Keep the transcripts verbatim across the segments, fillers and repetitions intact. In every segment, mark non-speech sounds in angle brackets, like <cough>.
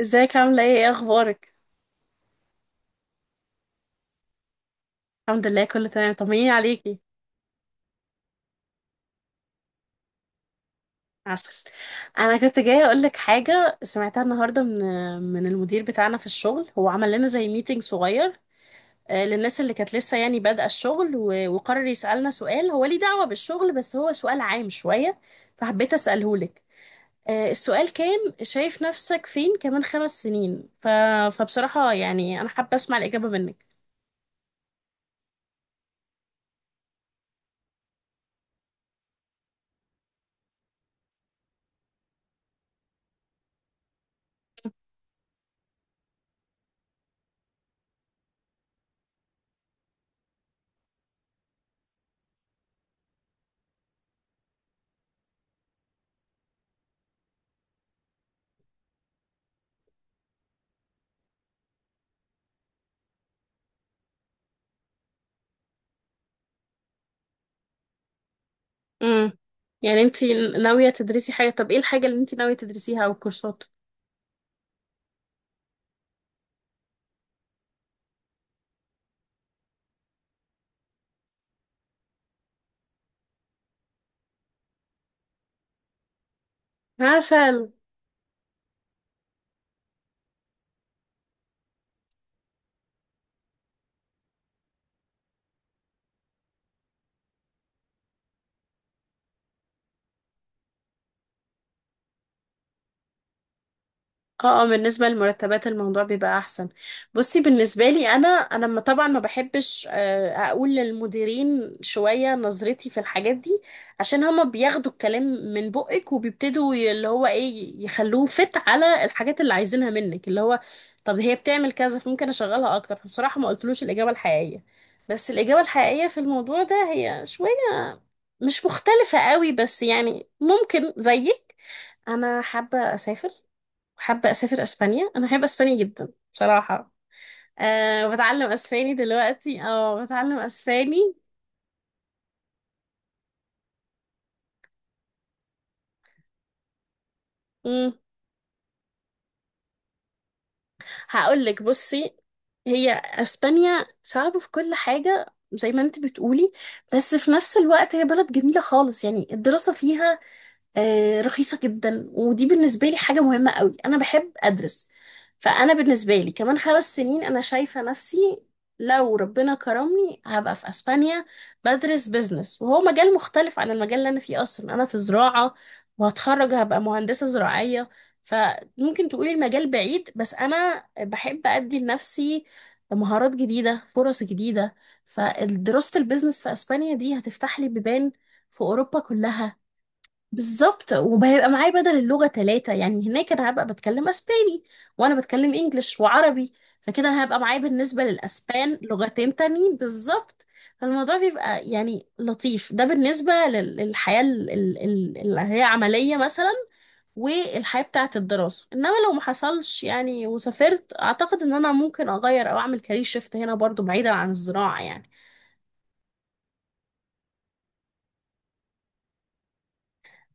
ازيك، عاملة ايه؟ ايه اخبارك؟ الحمد لله، كله تمام. طمنيني عليكي. عسل. انا كنت جاية اقول لك حاجة سمعتها النهاردة من من المدير بتاعنا في الشغل. هو عمل لنا زي ميتنج صغير آه، للناس اللي كانت لسه يعني بادئة الشغل، و- وقرر يسألنا سؤال، هو ليه دعوة بالشغل بس هو سؤال عام شوية، فحبيت اسأله لك. آه، السؤال كان: شايف نفسك فين كمان خمس سنين؟ ف... فبصراحة يعني انا حابة اسمع الإجابة منك. امم. يعني انتي ناوية تدرسي حاجة؟ طب ايه الحاجة اللي انتي ناوية تدرسيها او الكورسات؟ عسل. اه، اه، بالنسبة للمرتبات الموضوع بيبقى احسن. بصي، بالنسبة لي انا انا ما طبعا ما بحبش آه، اقول للمديرين شوية نظرتي في الحاجات دي، عشان هما بياخدوا الكلام من بقك وبيبتدوا ي- اللي هو ايه يخلوه فت على الحاجات اللي عايزينها منك، اللي هو: طب هي بتعمل كذا فممكن اشغلها اكتر. فبصراحة ما قلتلوش الاجابة الحقيقية، بس الإجابة الحقيقية في الموضوع ده هي شوية مش مختلفة قوي، بس يعني ممكن زيك. أنا حابة أسافر. حابة أسافر أسبانيا، أنا بحب أسبانيا جدا بصراحة. أه، بتعلم أسباني دلوقتي، أه، بتعلم أسباني. مم. هقولك: بصي، هي أسبانيا صعبة في كل حاجة زي ما انت بتقولي، بس في نفس الوقت هي بلد جميلة خالص. يعني الدراسة فيها آه، رخيصة جدا، ودي بالنسبة لي حاجة مهمة قوي. أنا بحب أدرس، فأنا بالنسبة لي كمان خمس سنين أنا شايفة نفسي لو ربنا كرمني هبقى في أسبانيا، بدرس بيزنس، وهو مجال مختلف عن المجال اللي أنا فيه أصلا. أنا في زراعة وهتخرج هبقى مهندسة زراعية. فممكن تقولي المجال بعيد، بس أنا بحب أدي لنفسي مهارات جديدة، فرص جديدة. فدراسة البيزنس في أسبانيا دي هتفتح لي بيبان في أوروبا كلها. بالظبط. وهيبقى معايا بدل اللغة ثلاثة، يعني هناك أنا هبقى بتكلم أسباني، وأنا بتكلم إنجليش وعربي. فكده أنا هبقى معايا بالنسبة للأسبان لغتين تانيين بالظبط. فالموضوع بيبقى يعني لطيف، ده بالنسبة لل- للحياة ال- ال- ال- اللي هي عملية مثلا، والحياة بتاعة الدراسة. إنما لو ما حصلش يعني وسافرت، أعتقد إن أنا ممكن أغير أو أعمل كارير شيفت هنا برضو، بعيدا عن الزراعة يعني.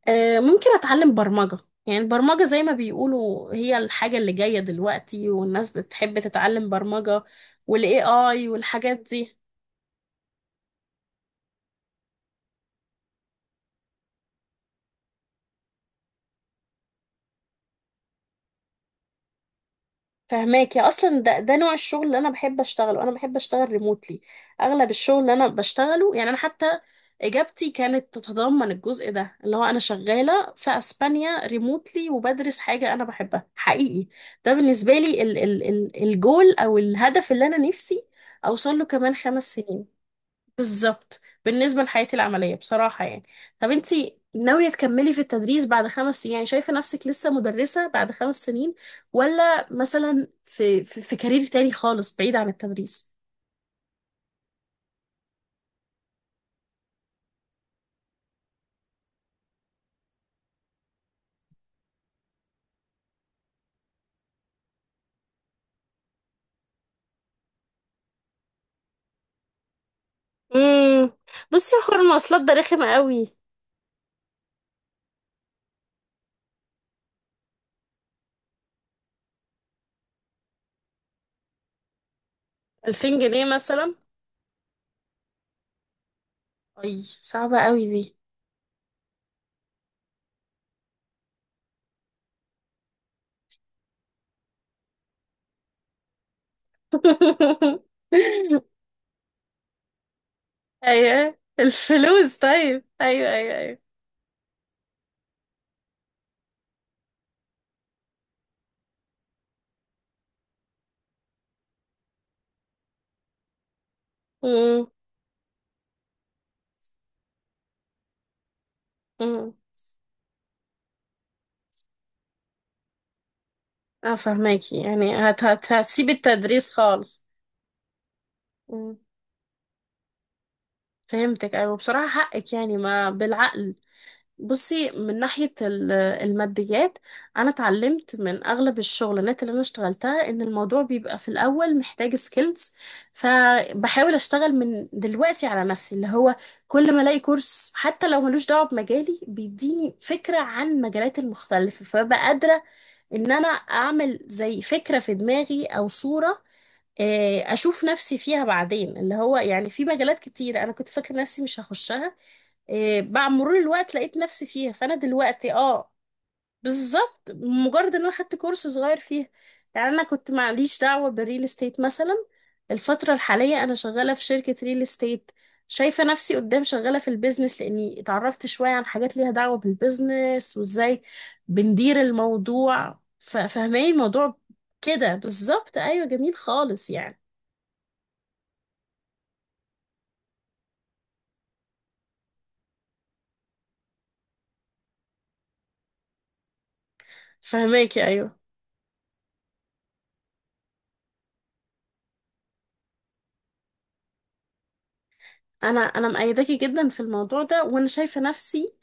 آه، ممكن اتعلم برمجة. يعني البرمجة زي ما بيقولوا هي الحاجة اللي جاية دلوقتي، والناس بتحب تتعلم برمجة والاي اي والحاجات دي. فهماك يا، اصلا ده ده نوع الشغل اللي انا بحب اشتغله. انا بحب اشتغل ريموتلي، اغلب الشغل اللي انا بشتغله يعني، انا حتى اجابتي كانت تتضمن الجزء ده، اللي هو انا شغالة في اسبانيا ريموتلي وبدرس حاجة انا بحبها حقيقي. ده بالنسبة لي ال ال ال الجول او الهدف اللي انا نفسي اوصل له كمان خمس سنين بالظبط، بالنسبة لحياتي العملية بصراحة يعني. طب انتي ناوية تكملي في التدريس بعد خمس سنين؟ يعني شايفة نفسك لسه مدرسة بعد خمس سنين ولا مثلا في في, في, كارير تاني خالص بعيد عن التدريس؟ امم. بصي يا حوار، المواصلات ده رخم قوي. ألفين جنيه مثلا؟ اي، صعبة قوي دي. <laughs> ايوه، الفلوس، طيب، ايوه، ايوه، ايوه. امم. امم. اه، فهماكي، يعني هت هت هتسيبي التدريس خالص؟ فهمتك، ايوه، بصراحة حقك يعني، ما بالعقل. بصي، من ناحية ال- الماديات، أنا اتعلمت من أغلب الشغلانات اللي أنا اشتغلتها إن الموضوع بيبقى في الأول محتاج سكيلز. فبحاول أشتغل من دلوقتي على نفسي، اللي هو كل ما ألاقي كورس حتى لو ملوش دعوة بمجالي بيديني فكرة عن المجالات المختلفة، فببقى قادرة إن أنا أعمل زي فكرة في دماغي أو صورة آه، اشوف نفسي فيها بعدين، اللي هو يعني في مجالات كتير انا كنت فاكره نفسي مش هخشها، إيه، مع مرور الوقت لقيت نفسي فيها. فانا دلوقتي، اه، بالظبط، مجرد ان انا خدت كورس صغير فيها. يعني انا كنت معليش دعوه بالريل استيت مثلا، الفتره الحاليه انا شغاله في شركه ريل استيت، شايفه نفسي قدام شغاله في البيزنس، لاني اتعرفت شويه عن حاجات ليها دعوه بالبيزنس وازاي بندير الموضوع، ف- فاهماني الموضوع كده بالظبط. ايوه، جميل خالص يعني. فهماكي، ايوه. انا انا مأيداكي جدا في الموضوع ده، وانا شايفه نفسي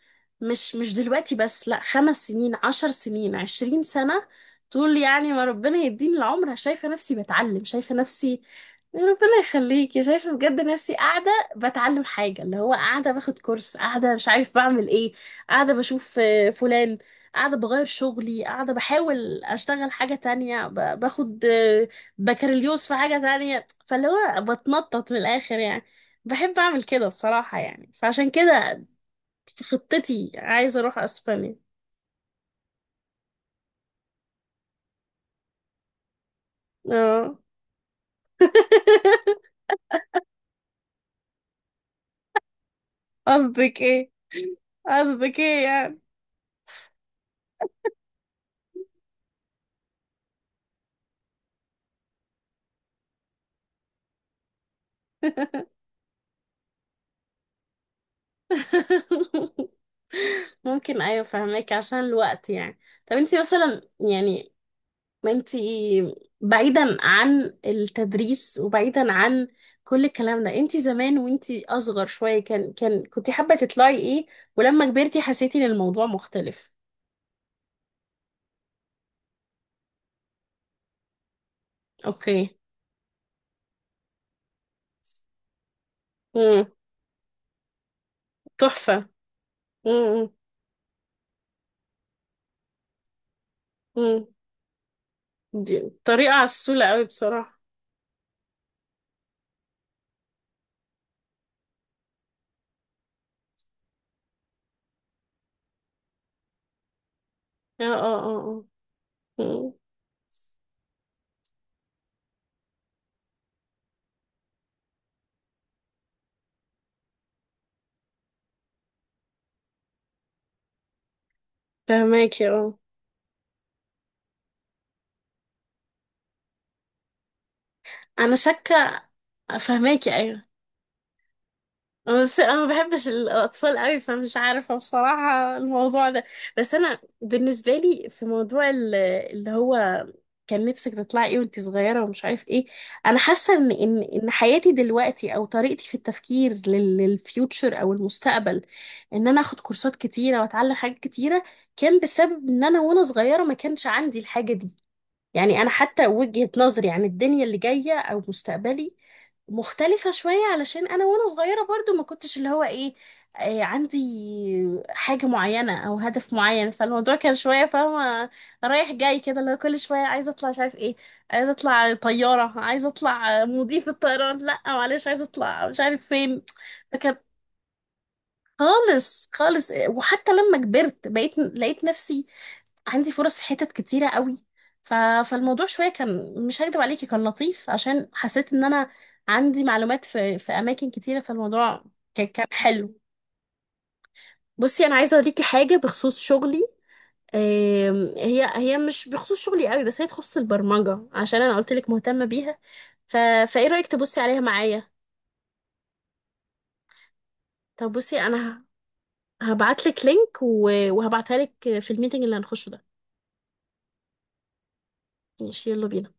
مش مش دلوقتي بس، لا، خمس سنين، عشر سنين، عشرين سنه، طول يعني ما ربنا يديني العمر. شايفه نفسي بتعلم، شايفه نفسي ربنا يخليكي، شايفه بجد نفسي قاعده بتعلم حاجه، اللي هو قاعده باخد كورس، قاعده مش عارف بعمل ايه، قاعده بشوف آه، فلان، قاعده بغير شغلي، قاعده بحاول اشتغل حاجه تانية، ب- باخد آه، بكالوريوس في حاجه تانية. فاللي هو بتنطط من الاخر يعني. بحب اعمل كده بصراحة يعني، فعشان كده في خطتي عايزة اروح اسبانيا. اه. <laughs> قصدك ايه؟ قصدك ايه يعني؟ <laughs> ممكن، ايوه، فهمك، عشان الوقت يعني. طب انتي مثلا يعني، ما انتي، بعيدا عن التدريس وبعيدا عن كل الكلام ده، انتي زمان وانتي اصغر شوية، كان كان كنتي حابة تطلعي ايه؟ ولما كبرتي حسيتي ان الموضوع مختلف؟ اوكي. امم. تحفة. امم. امم. دي طريقة عسولة قوي بصراحة. اه، اه، اه، اه. أمم. فهماكي، اه. انا شاكة. فهماكي، ايوه. بس انا ما بحبش الاطفال قوي، فمش عارفة بصراحة الموضوع ده. بس انا بالنسبة لي في موضوع ال- اللي هو كان نفسك تطلعي ايه وانت صغيرة ومش عارف ايه، انا حاسة ان ان ان حياتي دلوقتي او طريقتي في التفكير لل- للفيوتشر او المستقبل، ان انا اخد كورسات كتيرة واتعلم حاجات كتيرة، كان بسبب ان انا وانا صغيرة ما كانش عندي الحاجة دي. يعني أنا حتى وجهة نظري عن الدنيا اللي جاية أو مستقبلي مختلفة شوية، علشان أنا وأنا صغيرة برضو ما كنتش اللي هو إيه آه، عندي حاجة معينة أو هدف معين. فالموضوع كان شوية، فاهمة، رايح جاي كده، اللي هو كل شوية عايزة أطلع مش عارف إيه، عايزة أطلع طيارة، عايزة أطلع مضيف الطيران، لأ معلش عايزة أطلع مش عارف فين. فكانت خالص خالص. وحتى لما كبرت بقيت لقيت نفسي عندي فرص في حتت كتيرة قوي. ف... فالموضوع شوية كان، مش هكدب عليكي، كان لطيف عشان حسيت ان انا عندي معلومات في في اماكن كتيرة. فالموضوع كان، كان حلو. بصي، انا عايزة اوريكي حاجة بخصوص شغلي. آم، هي هي مش بخصوص شغلي قوي، بس هي تخص البرمجة عشان انا قلت لك مهتمة بيها. ف... فايه رأيك تبصي عليها معايا؟ طب بصي انا هبعت لك لينك و... وهبعتها لك في الميتنج اللي هنخشه ده. ماشي، يلا بينا.